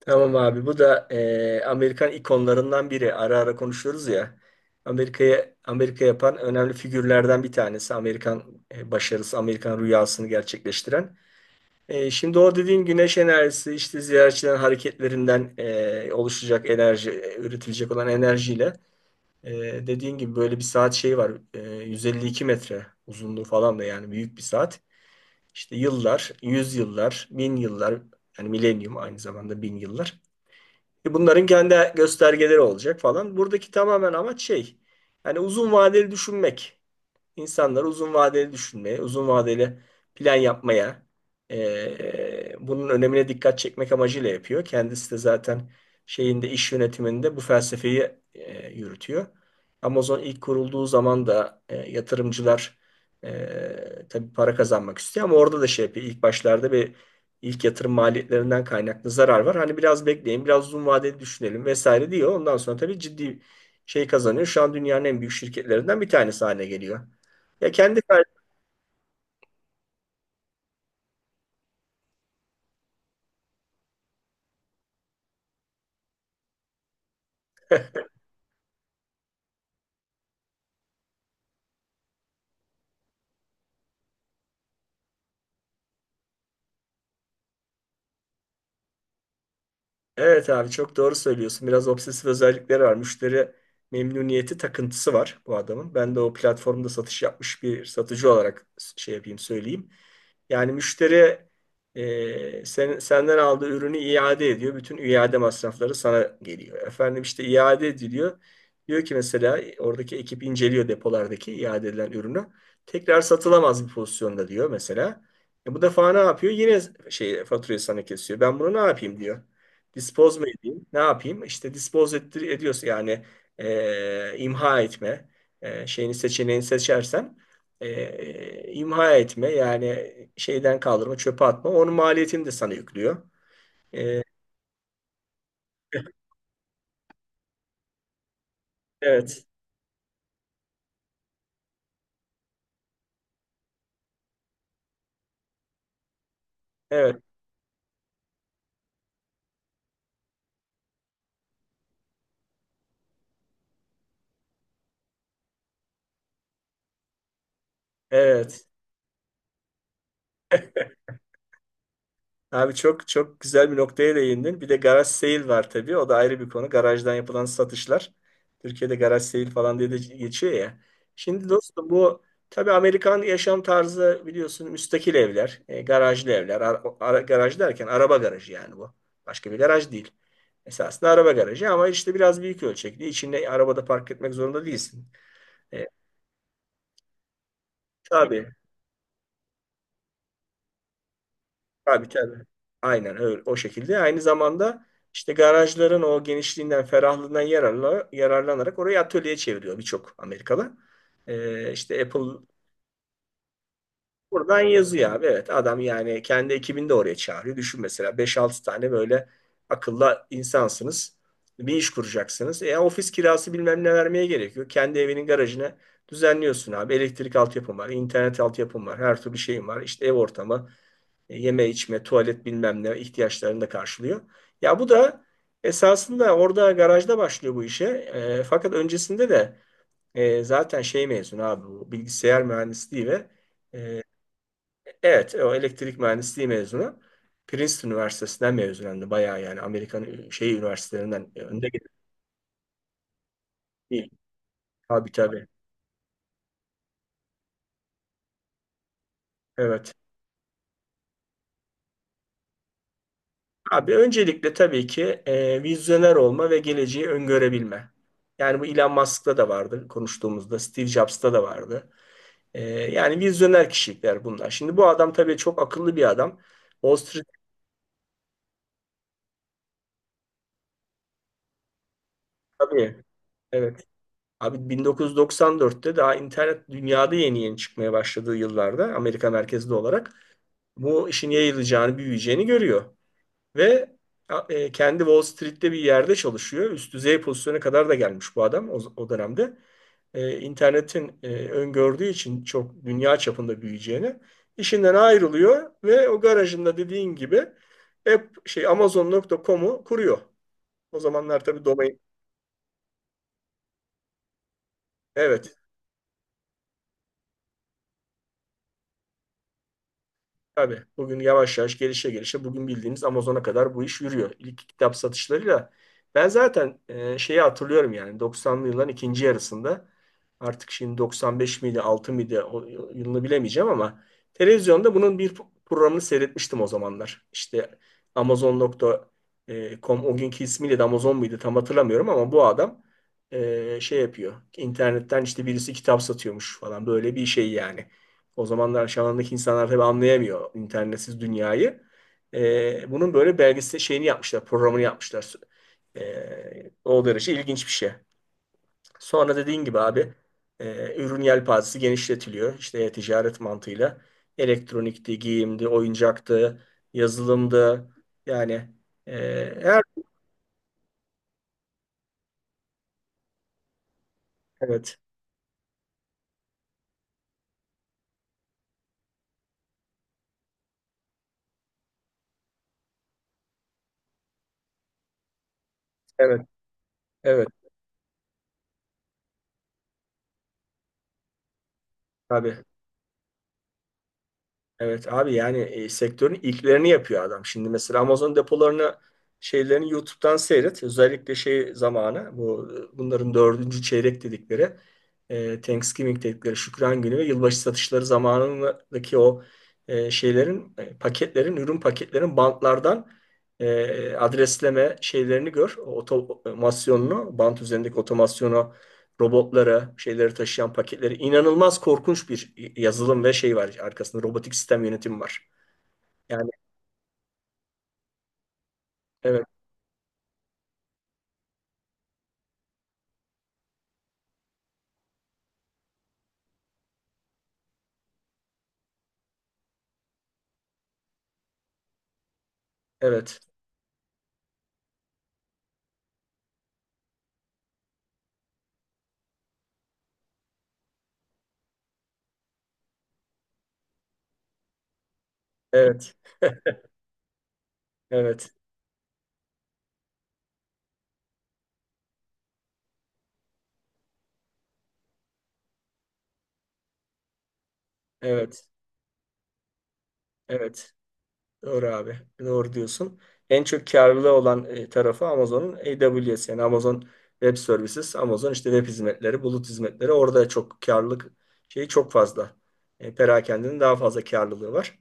Tamam abi bu da Amerikan ikonlarından biri. Ara ara konuşuyoruz ya. Amerika'ya Amerika yapan önemli figürlerden bir tanesi. Amerikan başarısı, Amerikan rüyasını gerçekleştiren. Şimdi o dediğin güneş enerjisi işte ziyaretçilerin hareketlerinden oluşacak enerji, üretilecek olan enerjiyle e, dediğin gibi böyle bir saat şeyi var. 152 metre uzunluğu falan da yani büyük bir saat. İşte yıllar, yüz yıllar, bin yıllar yani milenyum aynı zamanda bin yıllar. Bunların kendi göstergeleri olacak falan. Buradaki tamamen amaç şey, yani uzun vadeli düşünmek insanları uzun vadeli düşünmeye, uzun vadeli plan yapmaya, bunun önemine dikkat çekmek amacıyla yapıyor. Kendisi de zaten şeyinde iş yönetiminde bu felsefeyi yürütüyor. Amazon ilk kurulduğu zaman da yatırımcılar tabii para kazanmak istiyor ama orada da şey yapıyor. İlk başlarda bir ilk yatırım maliyetlerinden kaynaklı zarar var. Hani biraz bekleyin, biraz uzun vadeli düşünelim vesaire diyor. Ondan sonra tabii ciddi şey kazanıyor. Şu an dünyanın en büyük şirketlerinden bir tanesi haline geliyor. Ya kendi evet abi, çok doğru söylüyorsun. Biraz obsesif özellikleri var. Müşteri memnuniyeti takıntısı var bu adamın. Ben de o platformda satış yapmış bir satıcı olarak şey yapayım söyleyeyim. Yani müşteri senden aldığı ürünü iade ediyor. Bütün iade masrafları sana geliyor. Efendim işte iade ediliyor. Diyor ki mesela oradaki ekip inceliyor depolardaki iade edilen ürünü. Tekrar satılamaz bir pozisyonda diyor mesela. E bu defa ne yapıyor? Yine şey faturayı sana kesiyor. Ben bunu ne yapayım diyor. Dispose mu edeyim? Ne yapayım? İşte dispose ettir, ediyorsa yani imha etme seçeneğini seçersen imha etme yani şeyden kaldırma, çöpe atma. Onun maliyetini de sana yüklüyor. E, evet, evet, evet. Abi çok çok güzel bir noktaya değindin. Bir de garaj sale var tabii. O da ayrı bir konu. Garajdan yapılan satışlar. Türkiye'de garaj sale falan diye de geçiyor ya. Şimdi dostum bu tabii Amerikan yaşam tarzı biliyorsun müstakil evler, garajlı evler. Garaj derken araba garajı yani bu. Başka bir garaj değil. Esasında araba garajı ama işte biraz büyük ölçekli. İçinde arabada park etmek zorunda değilsin. E, tabii. Tabii, tabii. Aynen öyle o şekilde. Aynı zamanda işte garajların o genişliğinden, ferahlığından yararlanarak orayı atölye çeviriyor birçok Amerikalı. İşte Apple buradan yazıyor abi. Evet adam yani kendi ekibini de oraya çağırıyor. Düşün mesela beş altı tane böyle akıllı insansınız. Bir iş kuracaksınız. Ofis kirası bilmem ne vermeye gerekiyor. Kendi evinin garajına düzenliyorsun abi. Elektrik altyapım var, internet altyapım var, her türlü şeyim var. İşte ev ortamı, yeme içme, tuvalet bilmem ne ihtiyaçlarını da karşılıyor. Ya bu da esasında orada garajda başlıyor bu işe. Fakat öncesinde de zaten şey mezunu abi bu bilgisayar mühendisliği ve e, evet o elektrik mühendisliği mezunu. Princeton Üniversitesi'nden mezun hem de bayağı yani Amerikan şey üniversitelerinden önde gelen değil. Abi tabii. Evet. Abi öncelikle tabii ki vizyoner olma ve geleceği öngörebilme. Yani bu Elon Musk'ta da vardı konuştuğumuzda, Steve Jobs'ta da vardı. Yani vizyoner kişilikler bunlar. Şimdi bu adam tabii çok akıllı bir adam. Wall Street tabii, evet. Abi 1994'te daha internet dünyada yeni yeni çıkmaya başladığı yıllarda Amerika merkezli olarak bu işin yayılacağını, büyüyeceğini görüyor. Ve kendi Wall Street'te bir yerde çalışıyor. Üst düzey pozisyona kadar da gelmiş bu adam o dönemde. İnternetin öngördüğü için çok dünya çapında büyüyeceğini işinden ayrılıyor ve o garajında dediğin gibi hep şey Amazon.com'u kuruyor. O zamanlar tabii domain evet. Tabii bugün yavaş yavaş gelişe gelişe bugün bildiğimiz Amazon'a kadar bu iş yürüyor. İlk kitap satışlarıyla ben zaten şeyi hatırlıyorum yani 90'lı yılların ikinci yarısında artık şimdi 95 miydi 6 mıydı o yılını bilemeyeceğim ama televizyonda bunun bir programını seyretmiştim o zamanlar. İşte Amazon.com o günkü ismiyle de Amazon muydu tam hatırlamıyorum ama bu adam şey yapıyor. İnternetten işte birisi kitap satıyormuş falan böyle bir şey yani. O zamanlar çağındaki insanlar tabii anlayamıyor internetsiz dünyayı. Bunun böyle belgesel şeyini yapmışlar, programını yapmışlar. O derece ilginç bir şey. Sonra dediğin gibi abi ürün yelpazesi genişletiliyor. İşte e-ticaret mantığıyla elektronikti, giyimdi, oyuncaktı, yazılımdı. Yani e, her evet, evet, evet abi. Evet abi yani sektörün ilklerini yapıyor adam. Şimdi mesela Amazon depolarını şeylerini YouTube'dan seyret. Özellikle şey zamanı bu bunların dördüncü çeyrek dedikleri Thanksgiving dedikleri Şükran Günü ve yılbaşı satışları zamanındaki o şeylerin paketlerin ürün paketlerin bantlardan adresleme şeylerini gör. O otomasyonunu bant üzerindeki otomasyonu robotlara, şeyleri taşıyan paketleri inanılmaz korkunç bir yazılım ve şey var arkasında robotik sistem yönetimi var. Yani evet, evet, evet, evet, evet, evet. Doğru abi. Doğru diyorsun. En çok karlı olan tarafı Amazon'un AWS yani Amazon Web Services, Amazon işte web hizmetleri, bulut hizmetleri orada çok karlılık şeyi çok fazla. Perakende'nin daha fazla karlılığı var.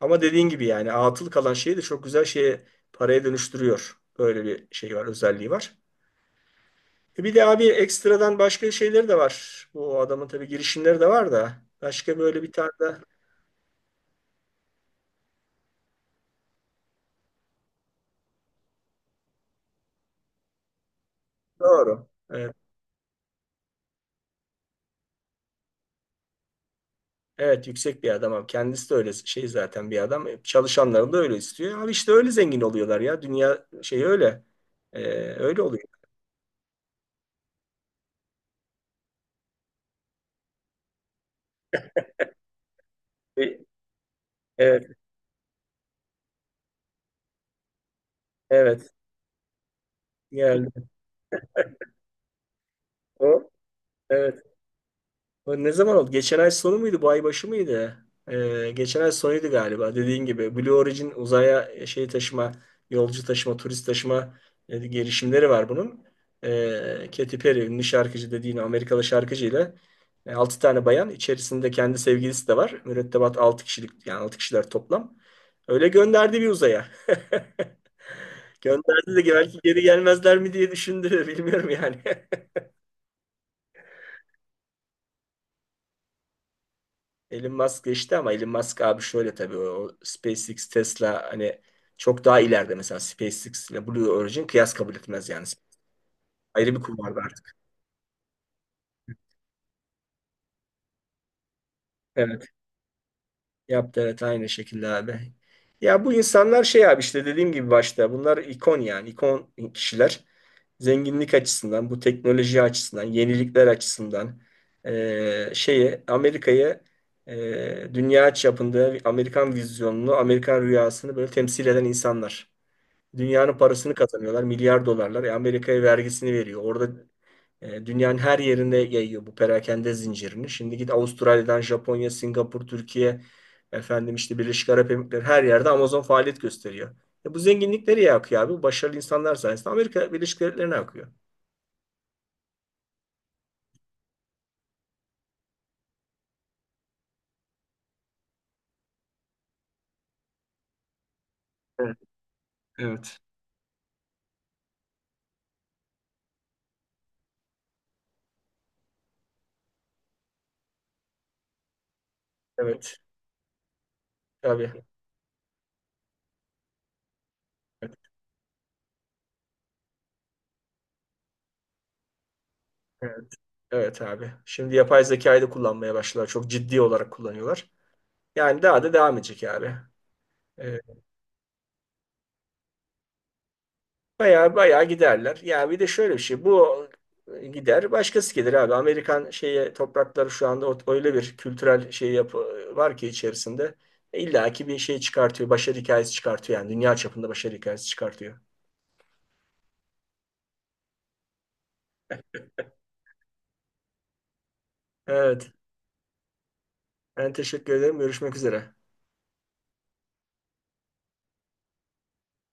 Ama dediğin gibi yani atıl kalan şeyi de çok güzel şeye paraya dönüştürüyor. Böyle bir şey var, özelliği var. Bir de abi ekstradan başka şeyleri de var. Bu adamın tabii girişimleri de var da başka böyle bir tane de doğru. E, Evet yüksek bir adam abi. Kendisi de öyle şey zaten bir adam. Çalışanların da öyle istiyor. Abi işte öyle zengin oluyorlar ya. Dünya şey öyle. Ee, Öyle oluyor. E, Evet, evet. Geldi. O. Evet. Ne zaman oldu? Geçen ay sonu muydu? Bu ay başı mıydı? Geçen ay sonuydu galiba. Dediğin gibi Blue Origin uzaya şey taşıma, yolcu taşıma, turist taşıma girişimleri var bunun. Katy Perry ünlü şarkıcı dediğin Amerikalı şarkıcıyla ile 6 tane bayan içerisinde kendi sevgilisi de var. Mürettebat 6 kişilik yani 6 kişiler toplam. Öyle gönderdi bir uzaya. Gönderdi de belki geri gelmezler mi diye düşündü. Bilmiyorum yani. Elon Musk geçti ama Elon Musk abi şöyle tabii o SpaceX, Tesla hani çok daha ileride mesela SpaceX ile Blue Origin kıyas kabul etmez yani. Ayrı bir kulvarda artık. Evet. Yaptı evet aynı şekilde abi. Ya bu insanlar şey abi işte dediğim gibi başta bunlar ikon yani ikon kişiler. Zenginlik açısından, bu teknoloji açısından, yenilikler açısından şeyi Amerika'yı dünya çapında Amerikan vizyonunu, Amerikan rüyasını böyle temsil eden insanlar. Dünyanın parasını kazanıyorlar. Milyar dolarlar. Amerika'ya vergisini veriyor. Orada dünyanın her yerinde yayıyor bu perakende zincirini. Şimdi git Avustralya'dan Japonya, Singapur, Türkiye, efendim işte Birleşik Arap Emirlikleri her yerde Amazon faaliyet gösteriyor. Bu zenginlik nereye akıyor abi? Bu başarılı insanlar sayesinde Amerika Birleşik Devletleri'ne akıyor. Evet. Evet. Evet. Tabii. Evet. Evet, evet abi. Şimdi yapay zekayı da kullanmaya başladılar. Çok ciddi olarak kullanıyorlar. Yani daha da devam edecek abi. E, Bayağı bayağı giderler. Ya bir de şöyle bir şey. Bu gider, başkası gelir abi. Amerikan şeye toprakları şu anda öyle bir kültürel şey yapı var ki içerisinde. İlla ki bir şey çıkartıyor. Başarı hikayesi çıkartıyor yani. Dünya çapında başarı hikayesi çıkartıyor. Evet. Ben teşekkür ederim. Görüşmek üzere.